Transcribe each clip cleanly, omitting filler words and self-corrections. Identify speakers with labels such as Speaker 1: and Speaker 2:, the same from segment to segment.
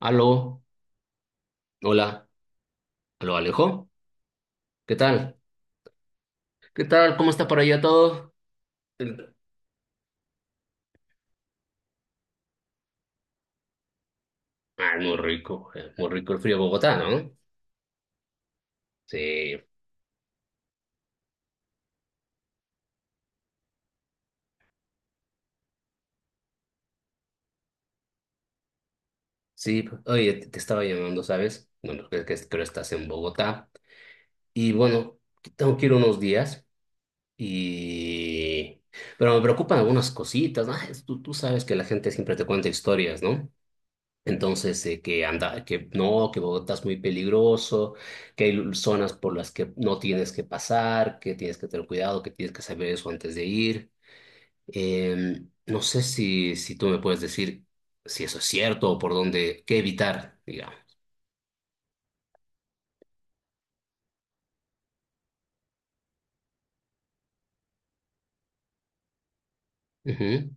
Speaker 1: Aló, hola, aló Alejo, ¿qué tal? ¿Qué tal? ¿Cómo está por allá todo? El- Ah, muy rico el frío de Bogotá, ¿no? Sí, sí, oye, te estaba llamando, ¿sabes? Bueno, creo que estás en Bogotá. Y bueno, tengo que ir unos días y... Pero me preocupan algunas cositas, ¿no? Tú sabes que la gente siempre te cuenta historias, ¿no? Entonces, que anda, que no, que Bogotá es muy peligroso, que hay zonas por las que no tienes que pasar, que tienes que tener cuidado, que tienes que saber eso antes de ir. No sé si tú me puedes decir si eso es cierto o por dónde, qué evitar, digamos. Ujú,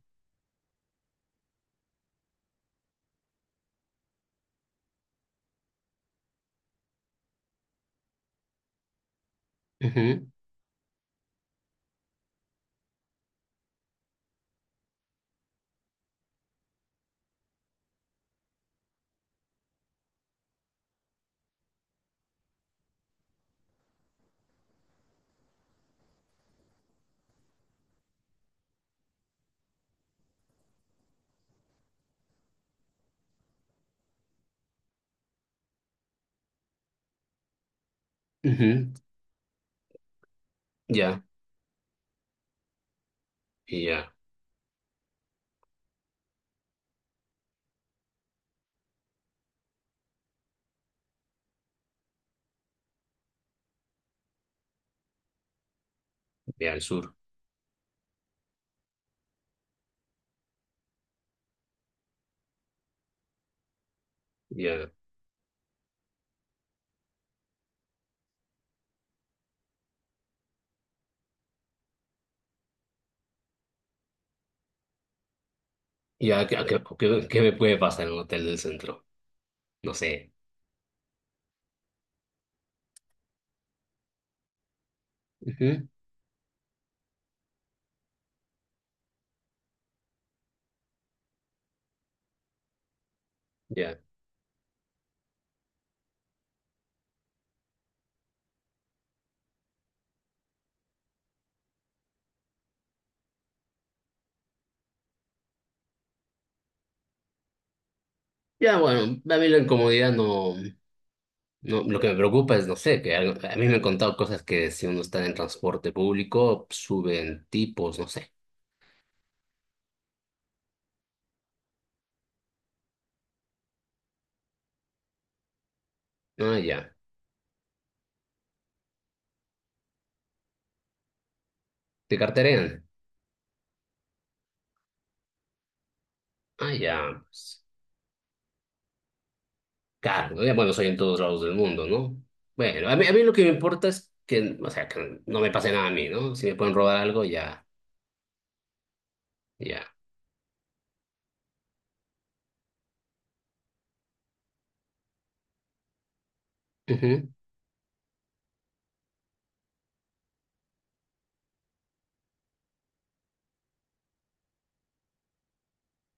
Speaker 1: ujú, ujú. Ya, y ya, ya al sur, ya, ya, ¿qué, qué me puede pasar en un hotel del centro? No sé. Ujú, ya, ya, bueno, a mí la incomodidad no. No, lo que me preocupa es, no sé, que a mí me han contado cosas que si uno está en transporte público, suben tipos, no sé. Ah, ya. Te carterean. Ah, ya, pues. Claro, ya, bueno, soy en todos lados del mundo, ¿no? Bueno, a mí lo que me importa es que, o sea, que no me pase nada a mí, ¿no? Si me pueden robar algo, ya, ya. Ujú,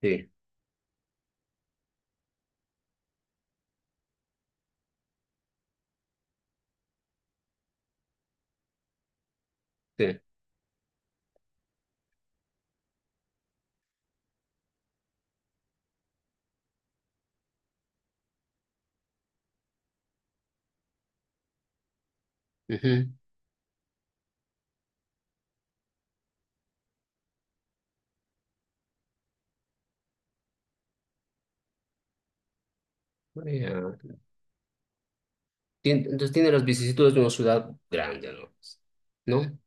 Speaker 1: sí, sí. Ujú, ah, ya. Entonces tiene las vicisitudes de una ciudad grande, ¿no? ¿No?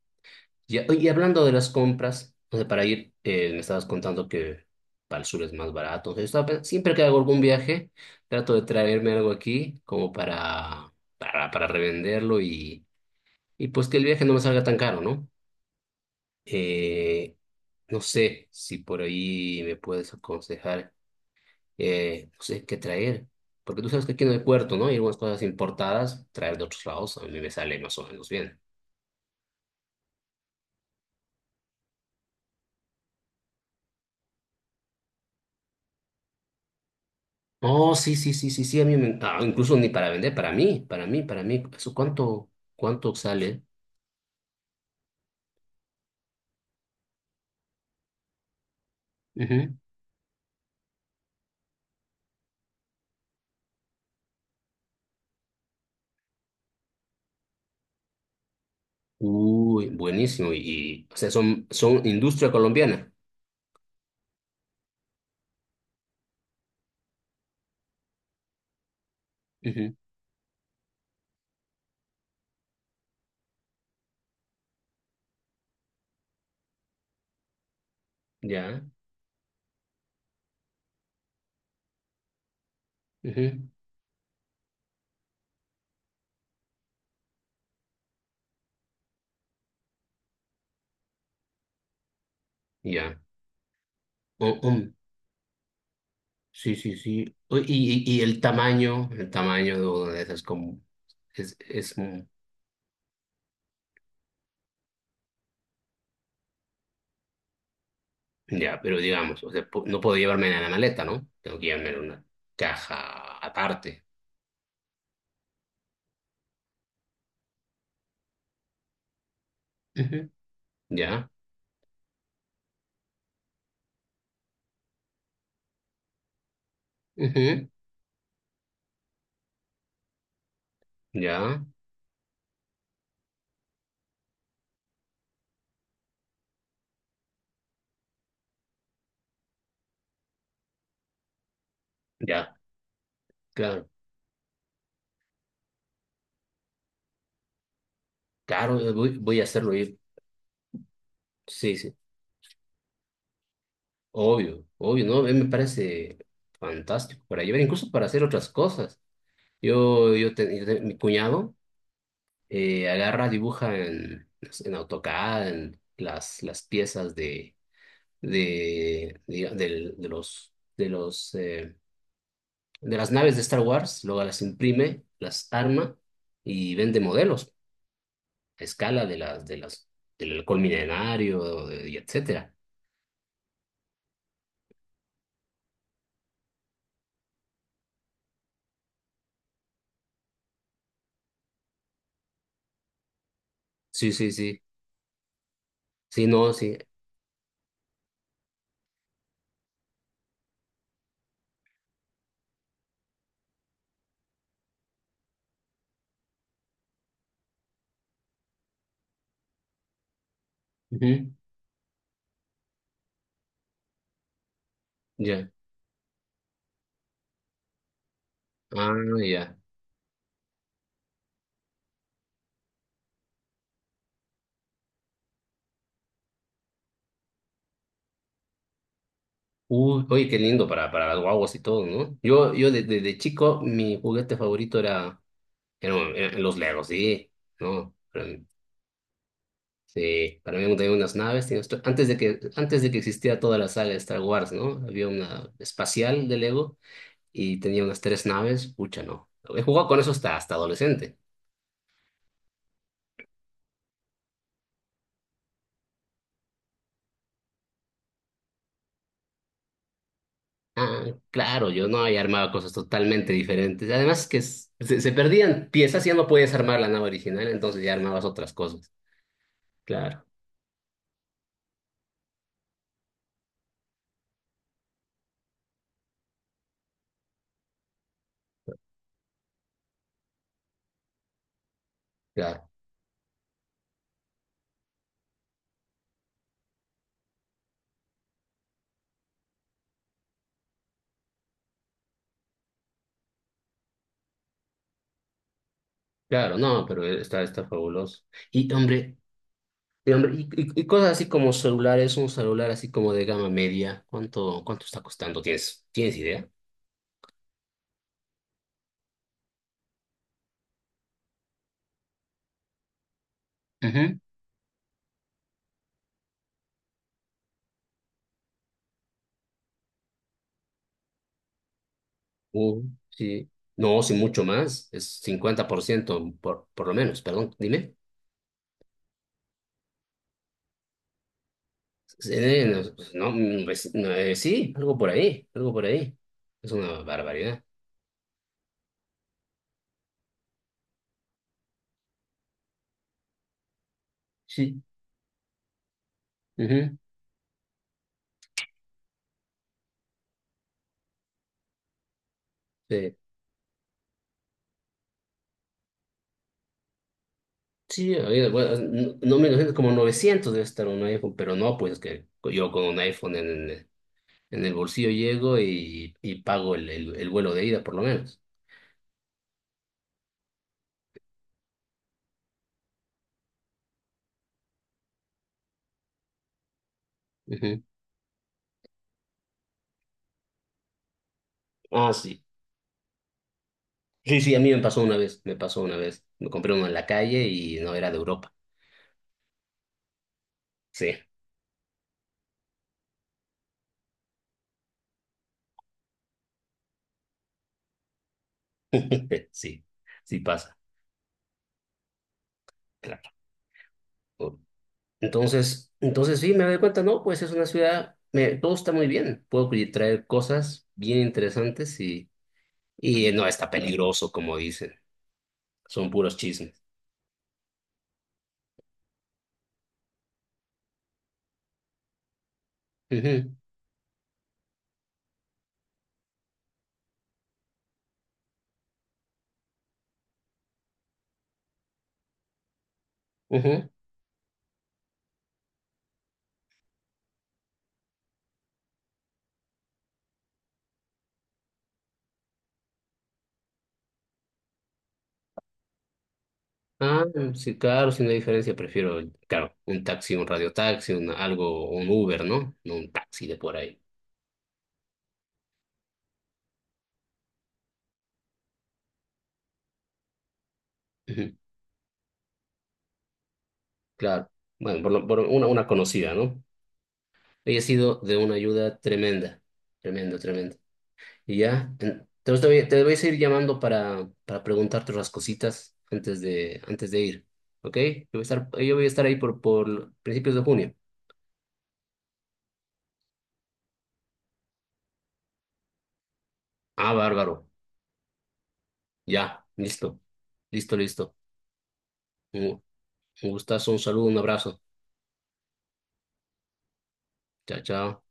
Speaker 1: Ya, oye, y hablando de las compras, o sea, para ir, me estabas contando que para el sur es más barato. O sea, yo estaba siempre que hago algún viaje, trato de traerme algo aquí como para revenderlo y pues que el viaje no me salga tan caro, ¿no? Eh, no sé si por ahí me puedes aconsejar, no sé qué traer. Porque tú sabes que aquí no hay puerto, ¿no? Hay algunas cosas importadas, traer de otros lados, a mí me sale más o menos bien. Oh, sí, sí, sí, sí, sí, a mí me encanta. Incluso ni para vender, para mí, para mí, para mí. ¿Eso cuánto sale? Ujú. Uy, buenísimo. Y, o sea, son industria colombiana. Ujú. Ya, ujú, ya. Oh, oh, sí, sí, sí. Oh, y el tamaño de una de esas como es ya, pero digamos, o sea, no puedo llevarme en la maleta, ¿no? Tengo que llevarme en una caja aparte. Ujú. Ya, ujú, ya, ya, claro. Claro, yo voy a hacerlo ir. Sí, sí, obvio, obvio, ¿no? A mí me parece fantástico para llevar, incluso para hacer otras cosas. Mi cuñado agarra, dibuja en AutoCAD, en las piezas de, de los de las naves de Star Wars, luego las imprime, las arma y vende modelos a escala de las, del halcón milenario, y etcétera. Sí, sí, sí. Sí, no, sí. Ujú, ya. Ah, ya. Uy, oye, qué lindo para las guaguas y todo, ¿no? Desde chico, mi juguete favorito era, eran los Legos, sí, ¿no? Sí, para mí tenía unas naves, tenía antes de que existiera toda la saga de Star Wars, ¿no? Había una espacial de Lego y tenía unas tres naves, pucha, ¿no? He jugado con eso hasta adolescente. Ah, claro, yo no había armado cosas totalmente diferentes. Además que se perdían piezas y ya no podías armar la nave original, entonces ya armabas otras cosas. Claro, claro, claro, no, pero está fabuloso. Y hombre, y cosas así como celulares, un celular así como de gama media, ¿cuánto está costando? ¿Tienes idea? Ujú. Uh, sí. No, sí, mucho más. Es 50% por lo menos, perdón, dime. No, pues, no, pues, no, sí, algo por ahí, algo por ahí. Es una barbaridad. Sí. Ujú, sí, sí, bueno, no, me lo como 900 debe estar un iPhone, pero no, pues que yo con un iPhone en el bolsillo llego y pago el vuelo de ida, por lo menos. Ujú. Ah, sí. Sí, sí, a mí me pasó una vez, me pasó una vez. Me compré uno en la calle y no era de Europa. Sí, sí, sí pasa, claro. Entonces sí, me doy cuenta, no, pues es una ciudad, todo está muy bien, puedo traer cosas bien interesantes y no está peligroso, como dicen, son puros chismes. Ujú, ujú. Ah, sí, claro, sin la diferencia, prefiero, claro, un taxi, un radiotaxi, un, algo, un Uber, ¿no? No un taxi de por ahí. Ujú, claro, bueno, por una conocida, ¿no? Ella ha sido de una ayuda tremenda, tremendo, tremendo. Y ya, entonces te voy a seguir llamando para preguntarte otras cositas antes de ir. ¿Ok? Yo voy a estar ahí por principios de junio. Ah, bárbaro. Ya, listo. Listo, listo. Un, un gustazo, un saludo, un abrazo. Chao, chao.